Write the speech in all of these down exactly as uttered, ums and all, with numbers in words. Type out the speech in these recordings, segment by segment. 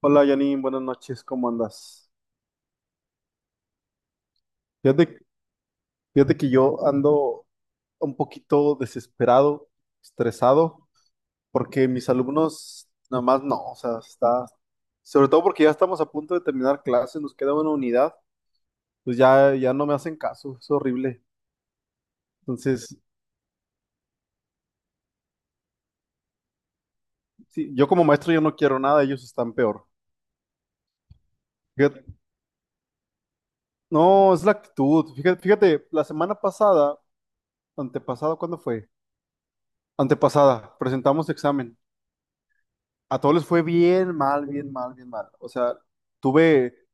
Hola Janine, buenas noches, ¿cómo andas? Fíjate, fíjate que yo ando un poquito desesperado, estresado, porque mis alumnos nada más no, o sea, está, sobre todo porque ya estamos a punto de terminar clases, nos queda una unidad, pues ya, ya no me hacen caso, es horrible. Entonces, sí, yo como maestro yo no quiero nada, ellos están peor. Fíjate- no, es la actitud. Fíjate, fíjate, la semana pasada, antepasada, ¿cuándo fue? Antepasada, presentamos examen. A todos les fue bien mal, bien mal, bien mal. O sea, tuve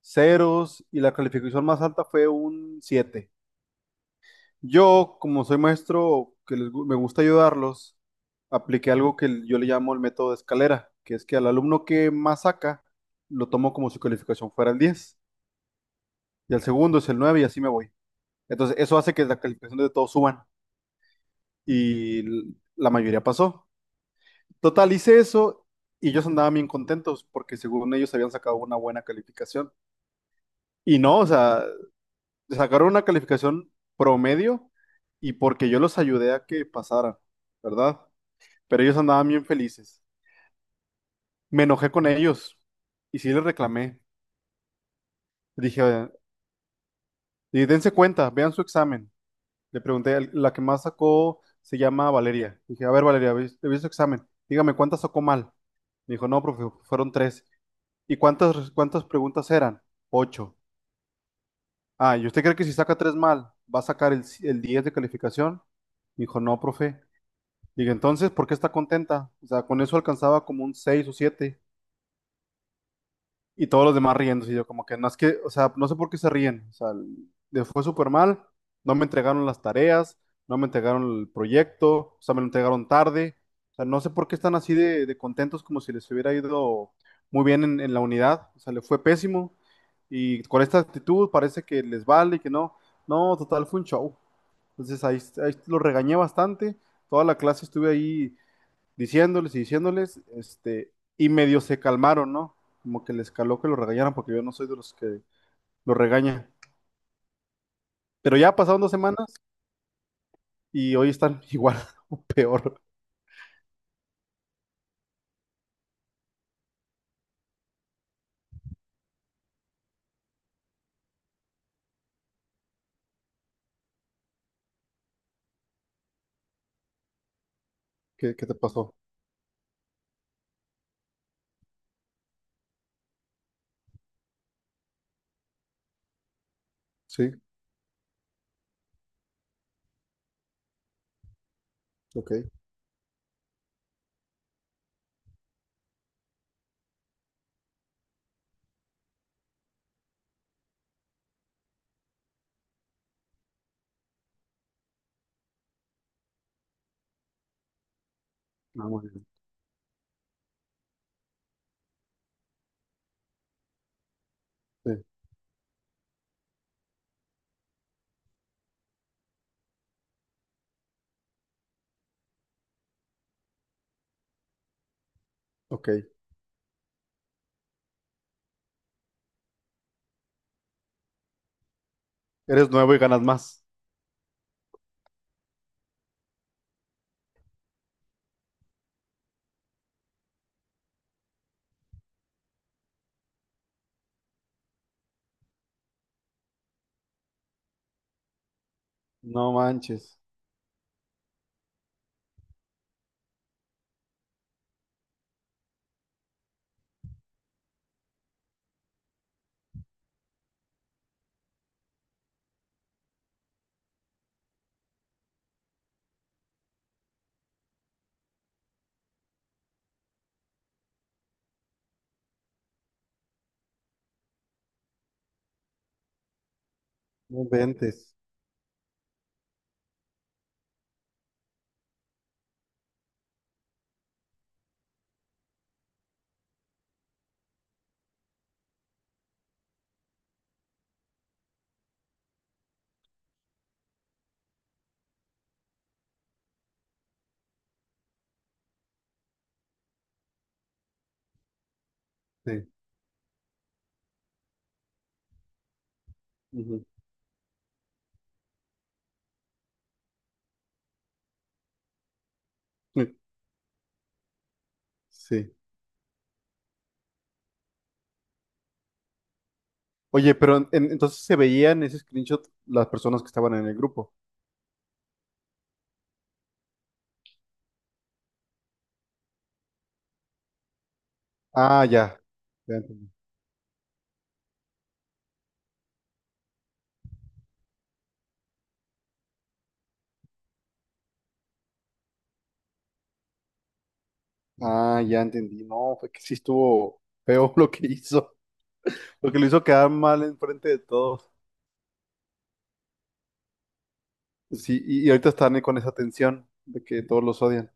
ceros y la calificación más alta fue un siete. Yo, como soy maestro que les gu- me gusta ayudarlos, apliqué algo que yo le llamo el método de escalera, que es que al alumno que más saca, lo tomo como si su calificación fuera el diez y al segundo es el nueve y así me voy. Entonces, eso hace que la calificación de todos suban y l- la mayoría pasó. Total, hice eso y ellos andaban bien contentos porque según ellos habían sacado una buena calificación. Y no, o sea, sacaron una calificación promedio y porque yo los ayudé a que pasaran, ¿verdad? Pero ellos andaban bien felices. Me enojé con ellos y sí les reclamé. Dije, "Oigan, y dense cuenta, vean su examen". Le pregunté, "Al- la que más sacó se llama Valeria. Dije, a ver, Valeria, vi vi su examen. Dígame, ¿cuántas sacó mal? Me dijo, no, profe, fueron tres. ¿Y cuántas, cuántas preguntas eran? Ocho. Ah, ¿y usted cree que si saca tres mal, va a sacar el, c- el diez de calificación? Dijo, no, profe. Digo, entonces, ¿por qué está contenta? O sea, con eso alcanzaba como un seis o siete. Y todos los demás riéndose. Y yo como que no es que, o sea, no sé por qué se ríen. O sea, les fue súper mal. No me entregaron las tareas, no me entregaron el proyecto, o sea, me lo entregaron tarde. O sea, no sé por qué están así de, de contentos como si les hubiera ido muy bien en, en la unidad. O sea, les fue pésimo. Y con esta actitud parece que les vale y que no. No, total, fue un show. Entonces ahí, ahí lo regañé bastante. Toda la clase estuve ahí diciéndoles y diciéndoles, este, y medio se calmaron, ¿no? Como que les caló que lo regañaran, porque yo no soy de los que lo regaña. Pero ya pasaron dos semanas y hoy están igual o peor. ¿Qué, qué te pasó? Sí, ok. Ah, muy bien. Sí, ok. Eres nuevo y ganas más. No manches, no inventes. Sí, ujú, sí, sí. Oye, pero en- entonces se veían en ese screenshot las personas que estaban en el grupo. Ah, ya. Ya entendí. Ah, ya entendí. No, fue que sí estuvo feo lo que hizo. Lo que lo hizo quedar mal enfrente de todos. Sí, y, y ahorita están con esa tensión de que todos los odian.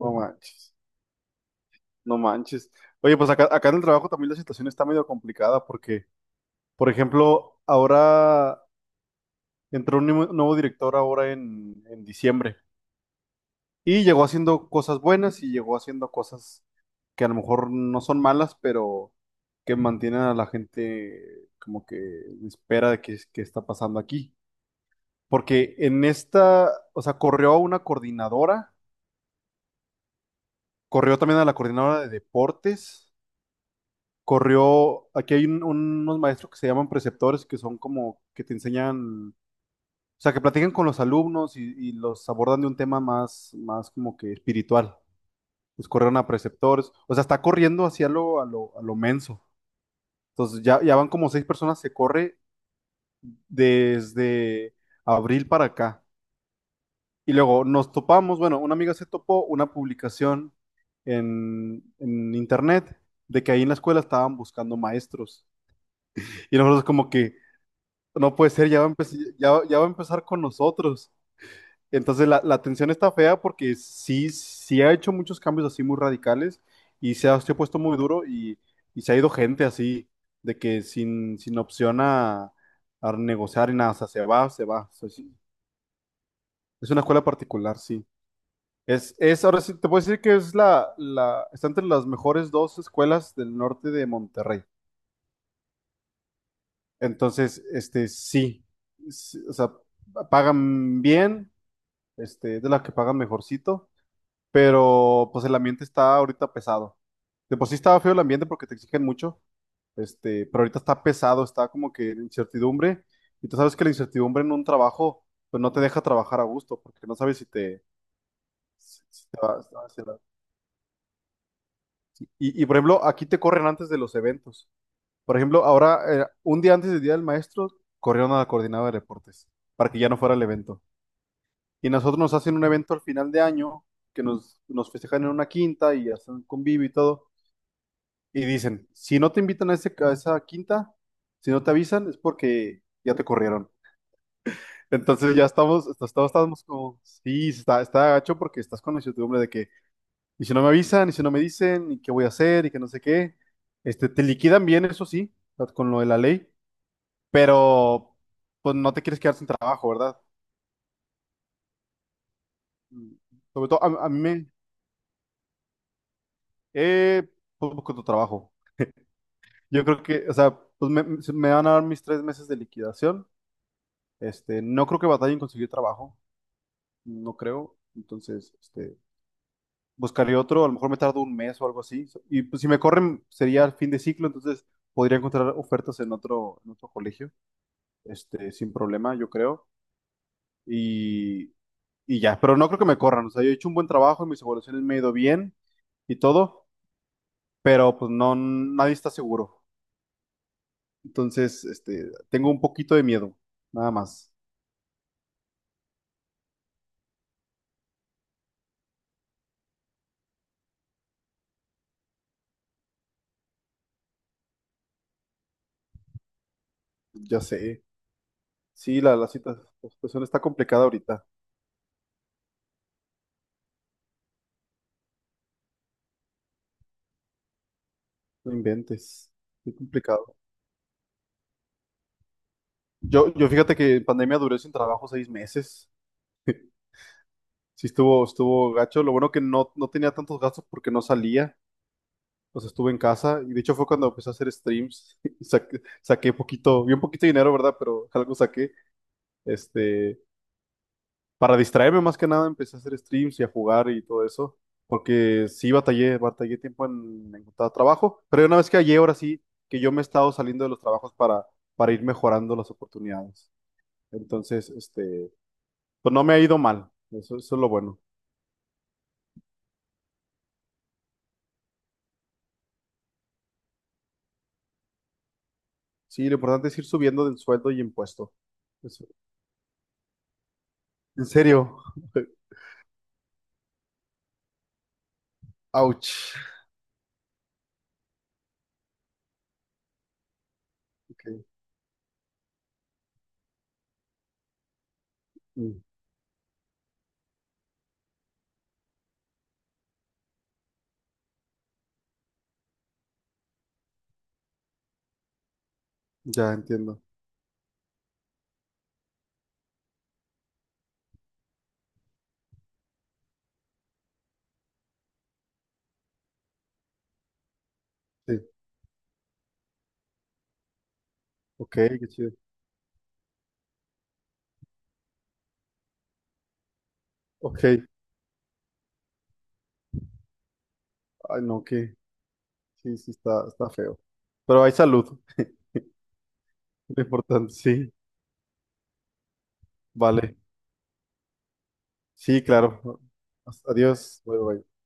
No manches, no manches. Oye, pues acá, acá en el trabajo también la situación está medio complicada porque, por ejemplo, ahora entró un nuevo nuevo director ahora en, en diciembre. Y llegó haciendo cosas buenas y llegó haciendo cosas que a lo mejor no son malas, pero que mantienen a la gente como que en espera de qué, es- qué está pasando aquí. Porque en esta, o sea, corrió a una coordinadora, corrió también a la coordinadora de deportes, corrió, aquí hay un- unos maestros que se llaman preceptores, que son como que te enseñan, o sea, que platican con los alumnos y, y los abordan de un tema más, más como que espiritual. Pues corrieron a preceptores, o sea, está corriendo hacia lo, a lo, a lo menso. Entonces ya, ya van como seis personas, se corre desde abril para acá. Y luego nos topamos, bueno, una amiga se topó una publicación en, en internet de que ahí en la escuela estaban buscando maestros. Y nosotros como que, no puede ser, ya va a, empe- ya, ya va a empezar con nosotros. Entonces la, la tensión está fea porque sí, sí ha hecho muchos cambios así muy radicales y se ha, se ha puesto muy duro y, y se ha ido gente así, de que sin, sin opción a, a negociar y nada, o sea, se va, se va. O sea, sí. Es una escuela particular, sí. Es, es, ahora sí, te puedo decir que es la, la, está entre las mejores dos escuelas del norte de Monterrey. Entonces, este, sí, sí, o sea, pagan bien, este, es de las que pagan mejorcito. Pero pues el ambiente está ahorita pesado. De por sí estaba feo el ambiente porque te exigen mucho, este, pero ahorita está pesado, está como que en incertidumbre. Y tú sabes que la incertidumbre en un trabajo, pues no te deja trabajar a gusto, porque no sabes si te, si- si te va- si va a hacer algo. Y, y por ejemplo, aquí te corren antes de los eventos. Por ejemplo, ahora, eh, un día antes del Día del Maestro, corrieron a la coordinadora de deportes para que ya no fuera el evento. Y nosotros nos hacen un evento al final de año, que nos, nos festejan en una quinta y hacen un convivio y todo. Y dicen, si no te invitan a, ese, a esa quinta, si no te avisan, es porque ya te corrieron. Entonces ya estamos, estamos estamos como, sí, está, está gacho porque estás con la incertidumbre de que, y si no me avisan, y si no me dicen, y qué voy a hacer, y que no sé qué. Este, te liquidan bien, eso sí, con lo de la ley, pero pues no te quieres quedar sin trabajo, ¿verdad? Sobre todo a, a mí me, eh, poco tu trabajo. Yo creo que, o sea, pues me, me van a dar mis tres meses de liquidación. Este, no creo que batalle en conseguir trabajo, no creo. Entonces, este, buscaría otro, a lo mejor me tardo un mes o algo así. So, y pues, si me corren, sería el fin de ciclo, entonces podría encontrar ofertas en otro, en otro colegio, este, sin problema, yo creo. Y, y ya, pero no creo que me corran. O sea, yo he hecho un buen trabajo y mis evaluaciones me han ido bien y todo, pero pues no, nadie está seguro. Entonces, este, tengo un poquito de miedo, nada más. Ya sé. Sí, la, la cita- la situación está complicada ahorita. No inventes. Qué complicado. Yo, yo fíjate que en pandemia duré sin trabajo seis meses. Sí estuvo, estuvo gacho. Lo bueno que no, no tenía tantos gastos porque no salía. O sea, estuve en casa. Y de hecho fue cuando empecé a hacer streams. Y saqué, saqué poquito, bien poquito dinero, ¿verdad? Pero algo saqué. Este, para distraerme más que nada, empecé a hacer streams y a jugar y todo eso. Porque sí batallé, batallé tiempo en en encontrar trabajo. Pero una vez que hallé, ahora sí, que yo me he estado saliendo de los trabajos para, para ir mejorando las oportunidades. Entonces, este, pues no me ha ido mal. Eso, eso es lo bueno. Sí, lo importante es ir subiendo del sueldo y impuesto. Eso. En serio. Ouch. Ok. Mm, ya entiendo. Sí. Ok, qué chido. Ok. Ay, no, que sí, sí está, está feo. Pero hay salud. Lo importante, sí. Vale. Sí, claro. Adiós. Bye, bye.